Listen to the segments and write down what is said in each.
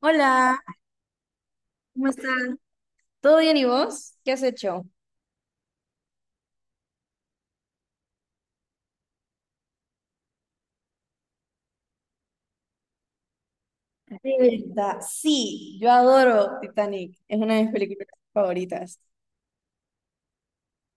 Hola, ¿cómo estás? ¿Todo bien y vos? ¿Qué has hecho? De verdad, sí, yo adoro Titanic, es una de mis películas favoritas.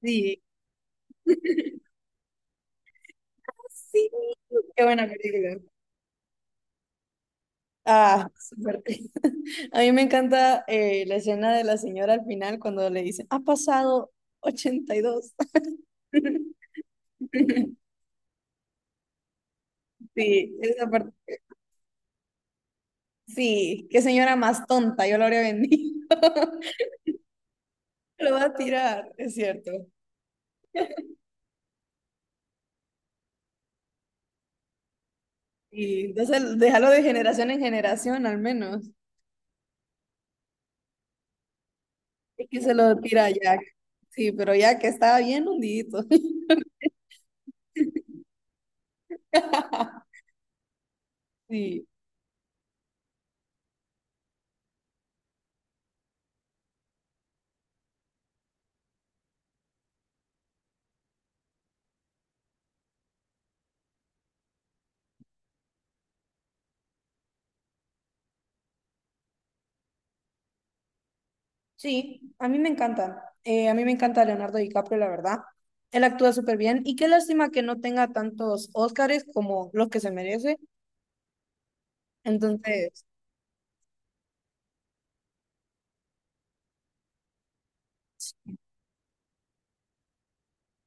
Sí, sí, qué buena película. Ah, suerte. A mí me encanta la escena de la señora al final cuando le dicen, ha pasado 82. Sí, esa parte. Sí, qué señora más tonta, yo lo habría vendido. Lo va a tirar, es cierto. Y entonces, déjalo de generación en generación, al menos. Es que se lo tira a Jack. Sí, pero Jack estaba bien hundidito. Sí. Sí, a mí me encanta. A mí me encanta Leonardo DiCaprio, la verdad. Él actúa súper bien y qué lástima que no tenga tantos Óscares como los que se merece. Entonces,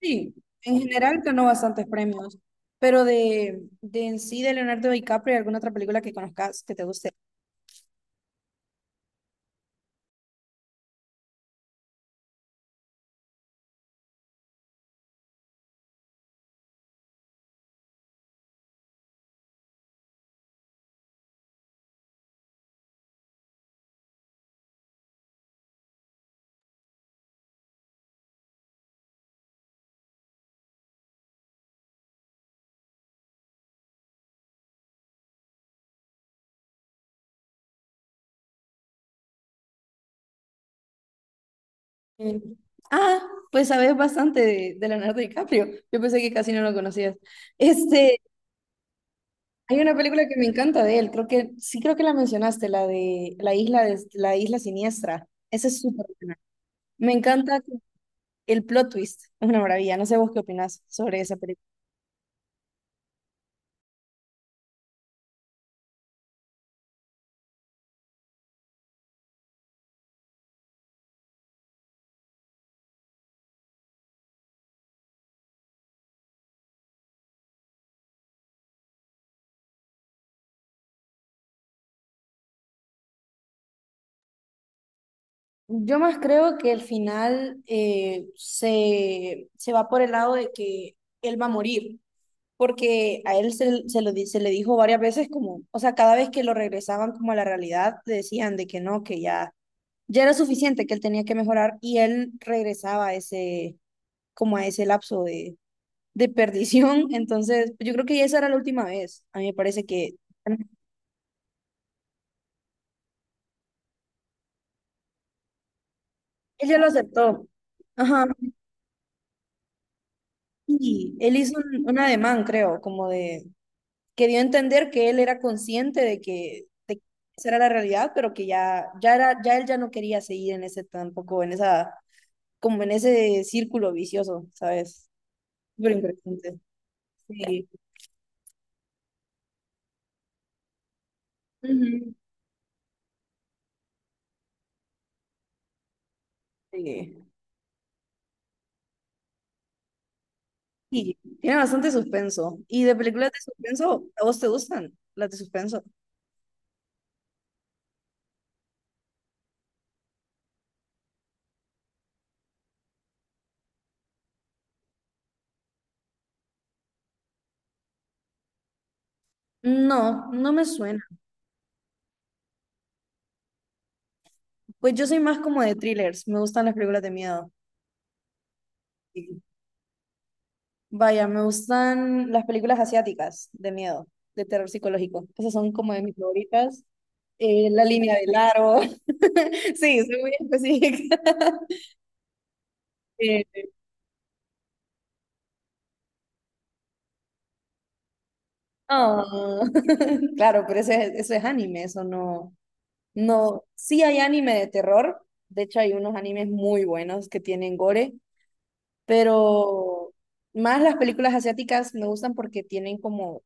sí, en general ganó bastantes premios. Pero de en sí, de Leonardo DiCaprio, ¿hay ¿alguna otra película que conozcas que te guste? Eh, ah, pues sabes bastante de Leonardo DiCaprio. Yo pensé que casi no lo conocías. Este, hay una película que me encanta de él. Creo que sí, creo que la mencionaste, la de la isla siniestra. Esa es súper buena. Me encanta el plot twist. Es una maravilla. No sé vos qué opinás sobre esa película. Yo más creo que el final se va por el lado de que él va a morir. Porque a él se lo, se le dijo varias veces como, o sea, cada vez que lo regresaban como a la realidad, le decían de que no, que ya, ya era suficiente, que él tenía que mejorar y él regresaba a ese, como a ese lapso de perdición. Entonces, yo creo que esa era la última vez. A mí me parece que él ya lo aceptó. Ajá. Y él hizo un ademán, creo, como de, que dio a entender que él era consciente de de que esa era la realidad, pero que ya, ya, era, ya él ya no quería seguir en ese tampoco, en esa, como en ese círculo vicioso, ¿sabes? Súper interesante. Sí. Ujú. Sí. Y tiene bastante suspenso. ¿Y de películas de suspenso, a vos te gustan las de suspenso? No, no me suena. Pues yo soy más como de thrillers, me gustan las películas de miedo. Vaya, me gustan las películas asiáticas de miedo, de terror psicológico. Esas son como de mis favoritas. La línea del largo. Sí, soy muy específica. Eh, ah. Claro, pero ese, eso es anime, eso no, no. Sí hay anime de terror. De hecho, hay unos animes muy buenos que tienen gore, pero más las películas asiáticas me gustan porque tienen como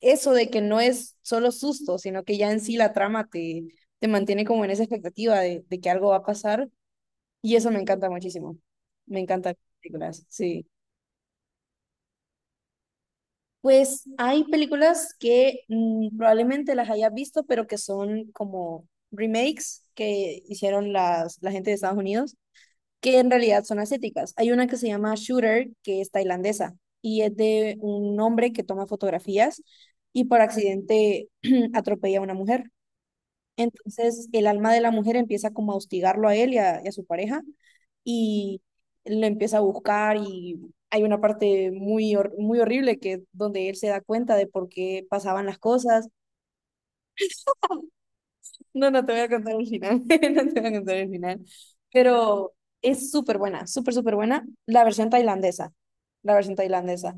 eso de que no es solo susto, sino que ya en sí la trama te mantiene como en esa expectativa de que algo va a pasar y eso me encanta muchísimo. Me encantan las películas, sí. Pues hay películas que probablemente las hayas visto, pero que son como remakes que hicieron la gente de Estados Unidos, que en realidad son asiáticas. Hay una que se llama Shooter, que es tailandesa, y es de un hombre que toma fotografías y por accidente atropella a una mujer. Entonces el alma de la mujer empieza como a hostigarlo a él y a su pareja y lo empieza a buscar y hay una parte muy, muy horrible que donde él se da cuenta de por qué pasaban las cosas. No, no te voy a contar el final, no te voy a contar el final, pero es súper buena, súper, súper buena la versión tailandesa, la versión tailandesa.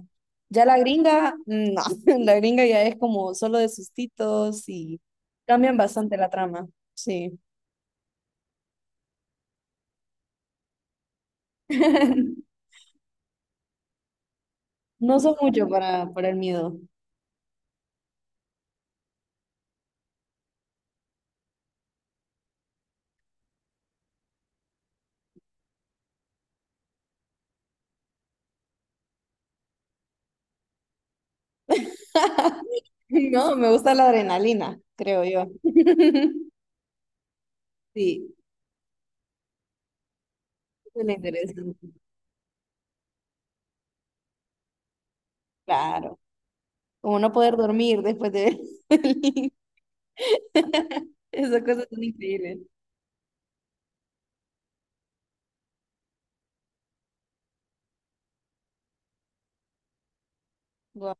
Ya la gringa, no, la gringa ya es como solo de sustitos y cambian bastante la trama, sí. No soy mucho para el miedo. No, me gusta la adrenalina, creo yo. Sí, es lo interesante. Claro. Como no poder dormir después de ver el- Esas cosas son increíbles. Guau,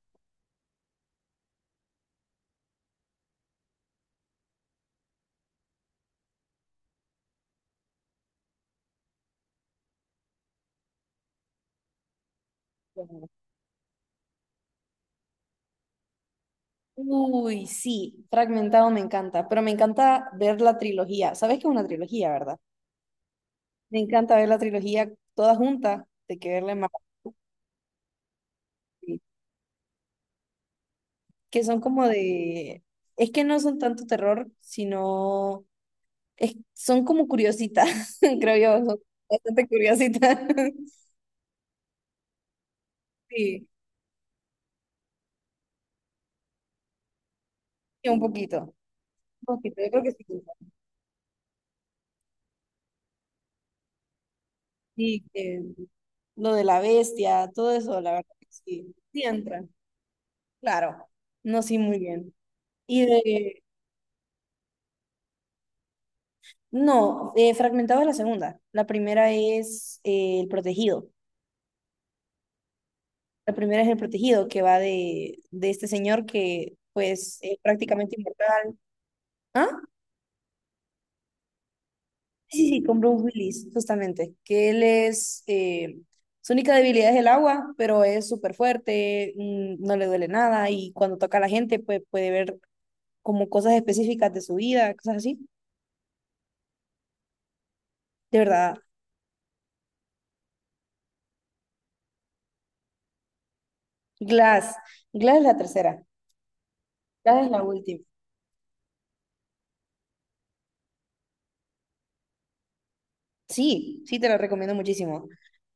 guau. Uy, sí, Fragmentado me encanta, pero me encanta ver la trilogía. ¿Sabes que es una trilogía, verdad? Me encanta ver la trilogía toda junta, de que verla en maratón, que son como de, es que no son tanto terror, sino es- son como curiositas, creo yo, son bastante curiositas. Sí, sí, un poquito, yo creo que sí. Sí, lo de la bestia, todo eso, la verdad que sí, sí entra, claro. No, sí, muy bien. Y de, no, fragmentado es la segunda. La primera es El Protegido. La primera es El Protegido, que va de este señor que, pues, es prácticamente inmortal. ¿Ah? Sí, sí, con Bruce Willis, justamente, que él es, su única debilidad es el agua, pero es súper fuerte, no le duele nada y cuando toca a la gente pues, puede ver como cosas específicas de su vida, cosas así. De verdad, Glass, Glass es la tercera, Glass es la última. Sí, sí, te la recomiendo muchísimo.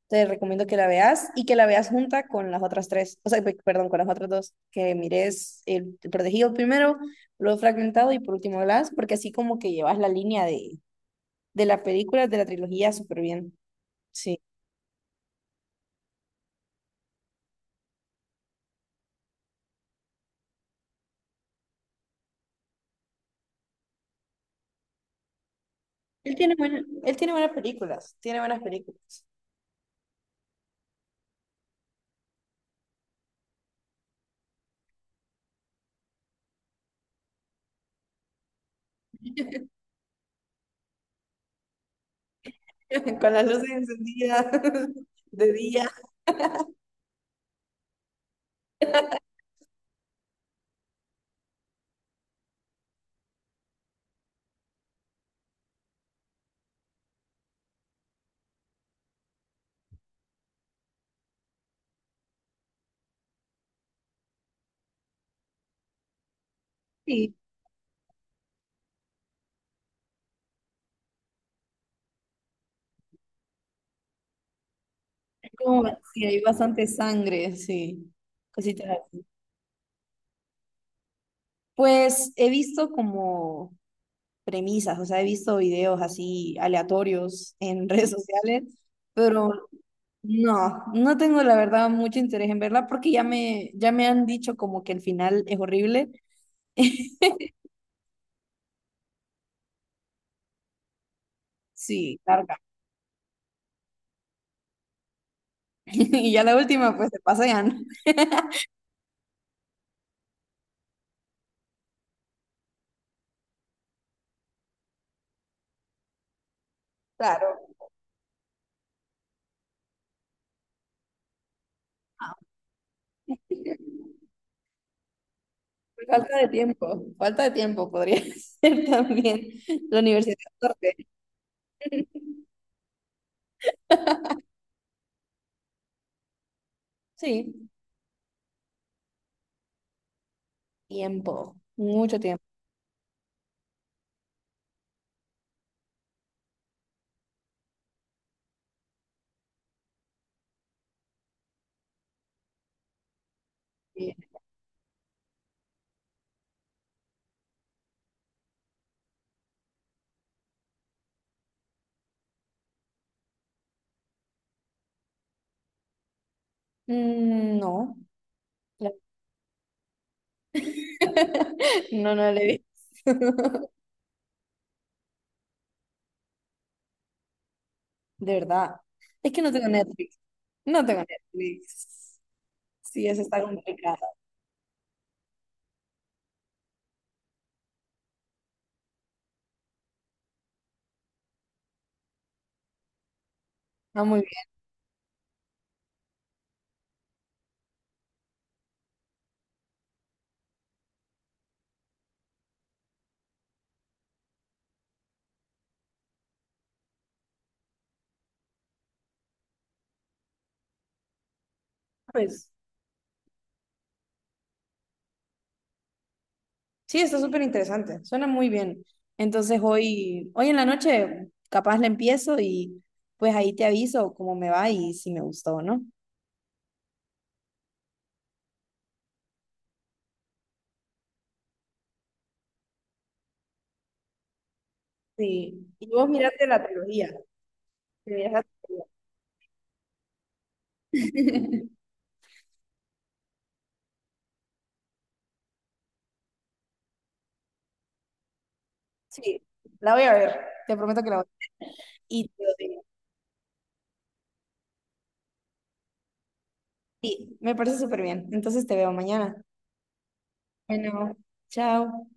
Te recomiendo que la veas y que la veas junta con las otras tres, o sea, perdón, con las otras dos, que mires el protegido primero, luego fragmentado y por último Glass, porque así como que llevas la línea de las películas de la trilogía súper bien. Sí. Él tiene él tiene buenas películas, tiene buenas películas. Con las luces encendidas de día. Sí, es como, sí, hay bastante sangre, sí. Cositas así. Pues he visto como premisas, o sea, he visto videos así aleatorios en redes sociales, pero no, no tengo la verdad mucho interés en verla porque ya me han dicho como que el final es horrible. Sí, claro. Y ya la última, pues se pasean. Claro. Falta de tiempo podría ser también la Universidad de sí, tiempo, mucho tiempo. Sí. Mm, no, La- no, no le vi, de verdad. Es que no tengo Netflix, no tengo Netflix. Sí, eso está complicado. Ah, muy bien, pues. Sí, está súper interesante, suena muy bien. Entonces hoy, hoy en la noche capaz la empiezo y pues ahí te aviso cómo me va y si me gustó o no. Sí. Y vos mirate la trilogía. Te mirás la trilogía. Sí, la voy a ver, te prometo que la voy a ver. Y te lo digo. Sí, me parece súper bien. Entonces te veo mañana. Bueno. Chao.